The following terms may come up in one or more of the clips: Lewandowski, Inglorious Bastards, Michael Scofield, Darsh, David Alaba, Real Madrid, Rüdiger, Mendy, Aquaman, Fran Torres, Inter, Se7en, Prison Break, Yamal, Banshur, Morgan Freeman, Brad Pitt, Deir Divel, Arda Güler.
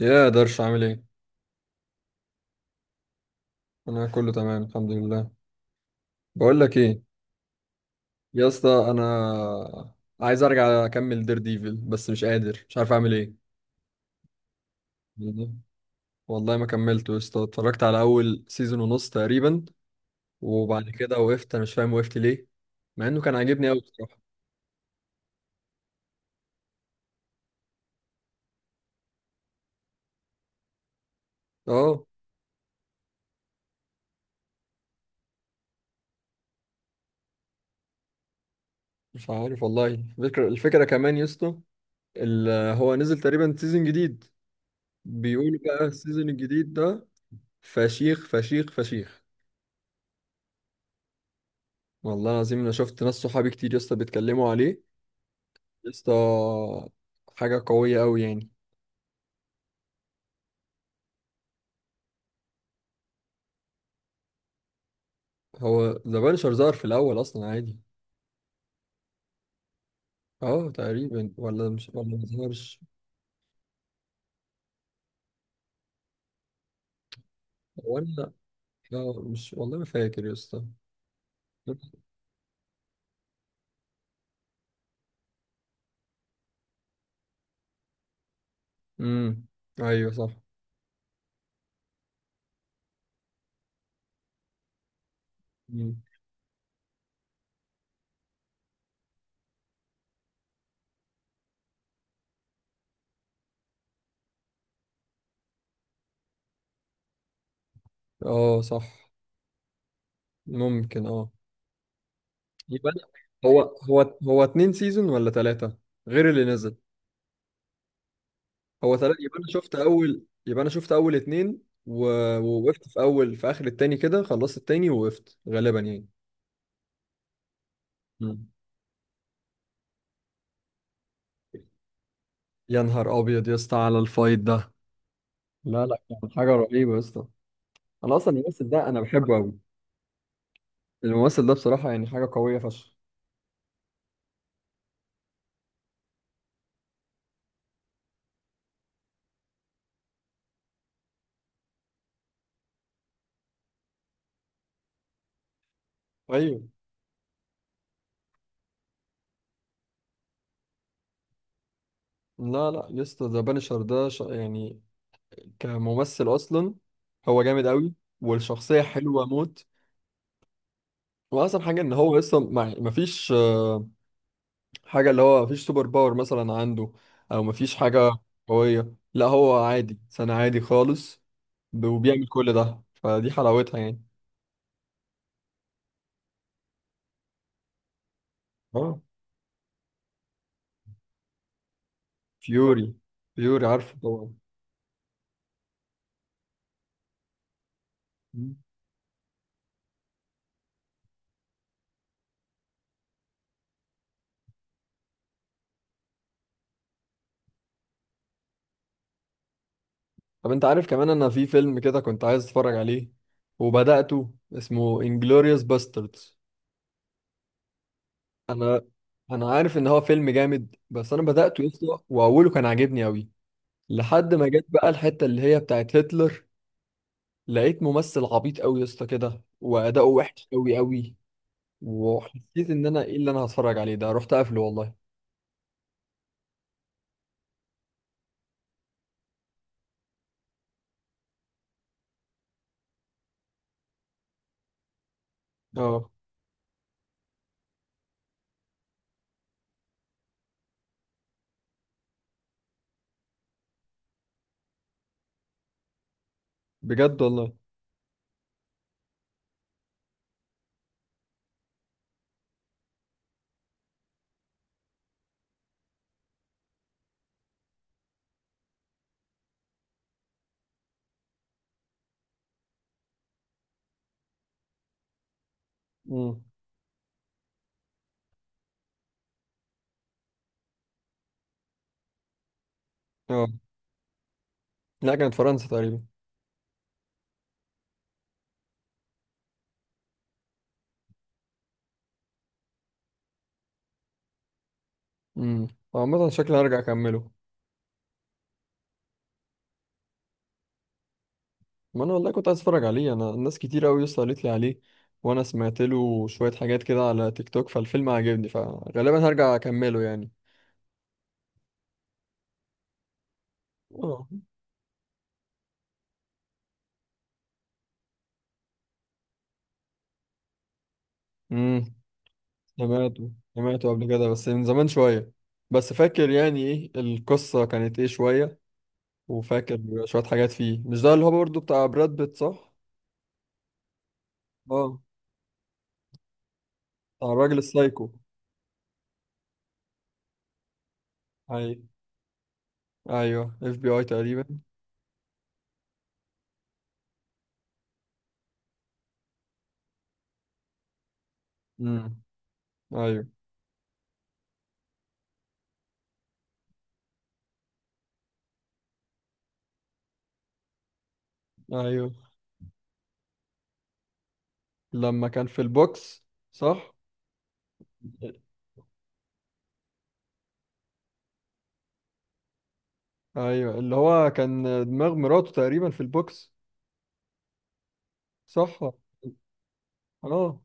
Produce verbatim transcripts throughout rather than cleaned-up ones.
يا درش، عامل ايه؟ انا كله تمام، الحمد لله. بقول لك ايه؟ يا اسطى انا عايز ارجع اكمل دير ديفل بس مش قادر، مش عارف اعمل ايه. والله ما كملته يا اسطى، اتفرجت على اول سيزون ونص تقريبا. وبعد كده وقفت، انا مش فاهم وقفت ليه. مع انه كان عاجبني قوي بصراحه. اه، مش عارف والله. الفكره الفكره كمان يا اسطى. ال- هو نزل تقريبا سيزون جديد، بيقولوا بقى السيزون الجديد ده فشيخ فشيخ فشيخ. والله العظيم انا شفت ناس صحابي كتير يا اسطى بيتكلموا عليه. يا اسطى، حاجه قويه قوي يعني. هو ذا بانشر ظهر في الاول اصلا عادي؟ اه تقريبا، ولا مش ولا ما ظهرش. ولا، اه مش والله، ما فاكر يا اسطى. امم ايوه صح. مم. اه، صح. ممكن، اه. يبقى هو هو هو اتنين سيزون ولا تلاتة، غير اللي نزل؟ هو ثلاثة، يبقى انا شفت اول، يبقى انا شفت اول اتنين و... ووقفت في اول في اخر التاني كده، خلصت التاني ووقفت غالبا يعني. مم. يا نهار ابيض يا اسطى على الفايت ده! لا لا، كان حاجه رهيبه يا اسطى. انا اصلا الممثل ده انا بحبه قوي. الممثل ده بصراحه يعني حاجه قويه فشخ. ايوه. لا لا يا اسطى، ذا بانشر ده ش... يعني، كممثل اصلا، هو جامد قوي. والشخصيه حلوه موت. واحسن حاجه ان هو اصلا ما فيش حاجة، اللي هو مفيش سوبر باور مثلا عنده، أو مفيش حاجة قوية. لا هو عادي سنة، عادي خالص، ب- وبيعمل كل ده، فدي حلاوتها يعني. اه. فيوري. فيوري عارفه طبعا. مم. طب انت عارف كمان، انا في فيلم كده كنت عايز اتفرج عليه وبدأته، اسمه انجلوريوس باستردز. انا انا عارف ان هو فيلم جامد بس انا بدأته يسطا، واوله كان عاجبني قوي. لحد ما جت بقى الحتة اللي هي بتاعت هتلر، لقيت ممثل عبيط قوي يا اسطى كده، واداؤه وحش قوي قوي. وحسيت ان انا ايه اللي انا هتفرج عليه ده، رحت قافله والله. اه، بجد والله. امم اه، لا كانت فرنسا تقريبا. امم عامة شكلي هرجع اكمله. ما انا والله كنت عايز اتفرج عليه، انا الناس كتير قوي يا اسطى قالت لي عليه، وانا سمعت له شوية حاجات كده على تيك توك، فالفيلم عجبني فغالبا هرجع اكمله يعني. اه. امم سمعته سمعته قبل كده بس من زمان شوية. بس فاكر يعني ايه القصة كانت ايه شوية، وفاكر شوية حاجات فيه. مش ده اللي هو برضه بتاع براد بيت صح؟ اه، بتاع الراجل السايكو. ايوه، ايوه، اف بي اي تقريبا. امم ايوه، ايوه، لما كان في البوكس صح؟ ايوه اللي هو كان دماغ مراته تقريبا في البوكس صح؟ اه،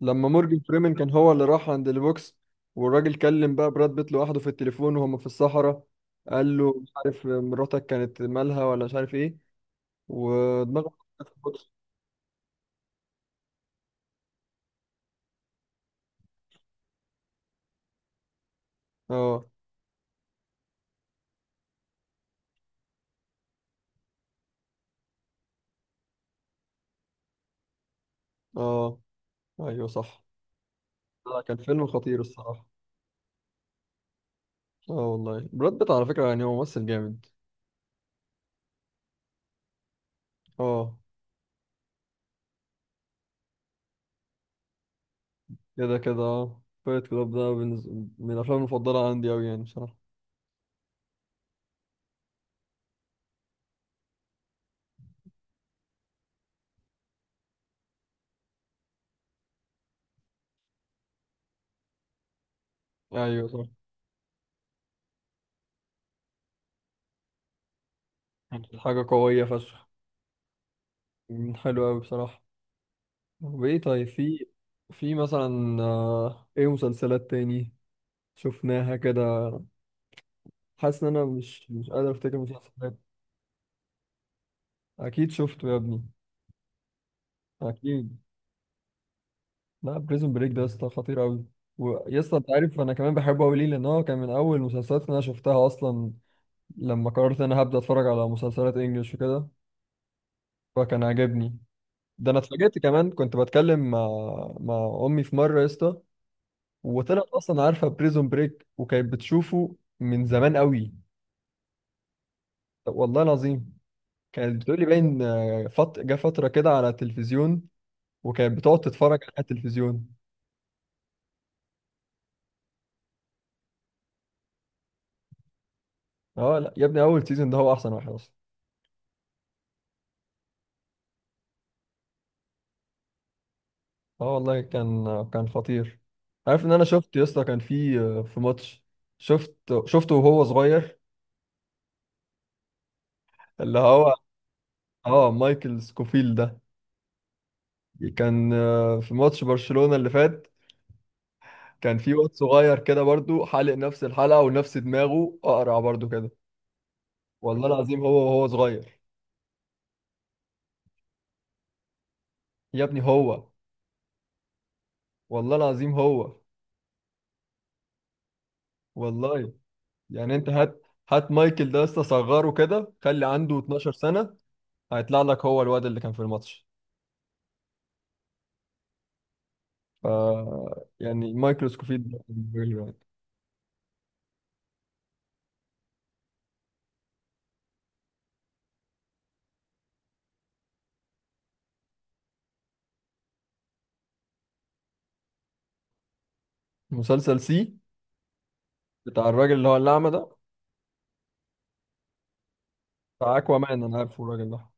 لما مورجان فريمن كان هو اللي راح عند البوكس، والراجل كلم بقى براد بيت لوحده في التليفون وهم في الصحراء، قال له مش عارف مراتك كانت مالها ولا مش عارف ايه، ودماغه في البوكس. اه، اه، ايوه صح. لا، كان فيلم خطير الصراحه. اه والله براد بيت على فكره يعني هو ممثل جامد. اه. كده كده، اه، فايت كلاب ده بالنسبة- من الافلام المفضله عندي اوي يعني بصراحه. ايوه، صح. كانت حاجه قويه فشخ. مم، حلو اوي بصراحه. وايه، طيب، في في مثلا آه، ايه مسلسلات تاني شفناها كده؟ حاسس ان انا مش مش قادر افتكر مسلسلات. اكيد شفته يا ابني. اكيد. لا بريزون بريك ده يا اسطى خطير قوي. ويا اسطى، انت عارف انا كمان بحبه قوي ليه، لان هو كان من اول المسلسلات اللي انا شفتها اصلا، لما قررت ان انا هبدا اتفرج على مسلسلات انجلش وكده، فكان عاجبني. ده انا اتفاجئت كمان، كنت بتكلم مع مع امي في مره يا اسطى، وطلعت اصلا عارفه بريزون بريك وكانت بتشوفه من زمان قوي. طب والله العظيم، كانت بتقولي باين آه، فت... جه فتره كده على التلفزيون، وكانت بتقعد تتفرج على التلفزيون. اه لا يا ابني، اول سيزون ده هو احسن واحد اصلا. اه والله كان كان خطير. عارف ان انا شفت يا اسطى، كان في في ماتش، شفت شفته وهو صغير، اللي هو، اه، مايكل سكوفيل ده. كان آه، في ماتش برشلونة اللي فات، كان في واد صغير كده برضو حالق نفس الحلقة ونفس دماغه اقرع برضو كده. والله العظيم هو وهو صغير. يا ابني هو، والله العظيم هو، والله. يعني انت هات، هات مايكل ده يا اسطى صغره كده، خلي عنده اتناشر سنة، هيطلع لك هو الواد اللي كان في الماتش. ف يعني مايكروسكوبيد ده بالنسبة لي يعني. مسلسل سي بتاع الراجل اللي هو الأعمى ده، بتاع أكوا مان، أنا عارفه الراجل ده.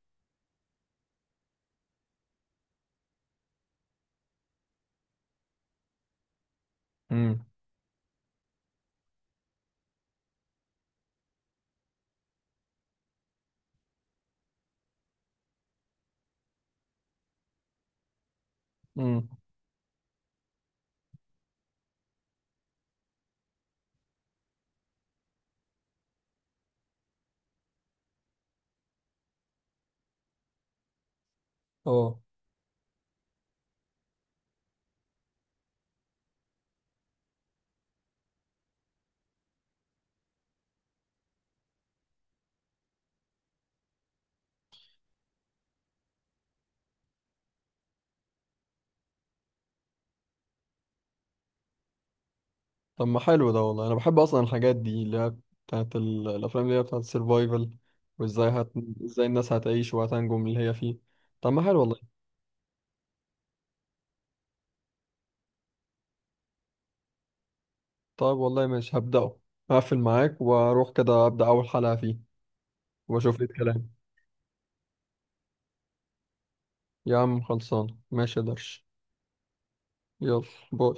امم امم اه. طب ما حلو ده والله، أنا بحب أصلا الحاجات دي، اللي هي بتاعت ال- الأفلام اللي هي بتاعت السرفايفل، وإزاي هت... إزاي الناس هتعيش وهتنجو من اللي هي فيه. طب ما حلو والله. طيب والله ماشي هبدأه، هقفل معاك وأروح كده أبدأ أول حلقة فيه، وأشوف إيه الكلام. يا عم خلصان، ماشي يا درش. يلا، باي.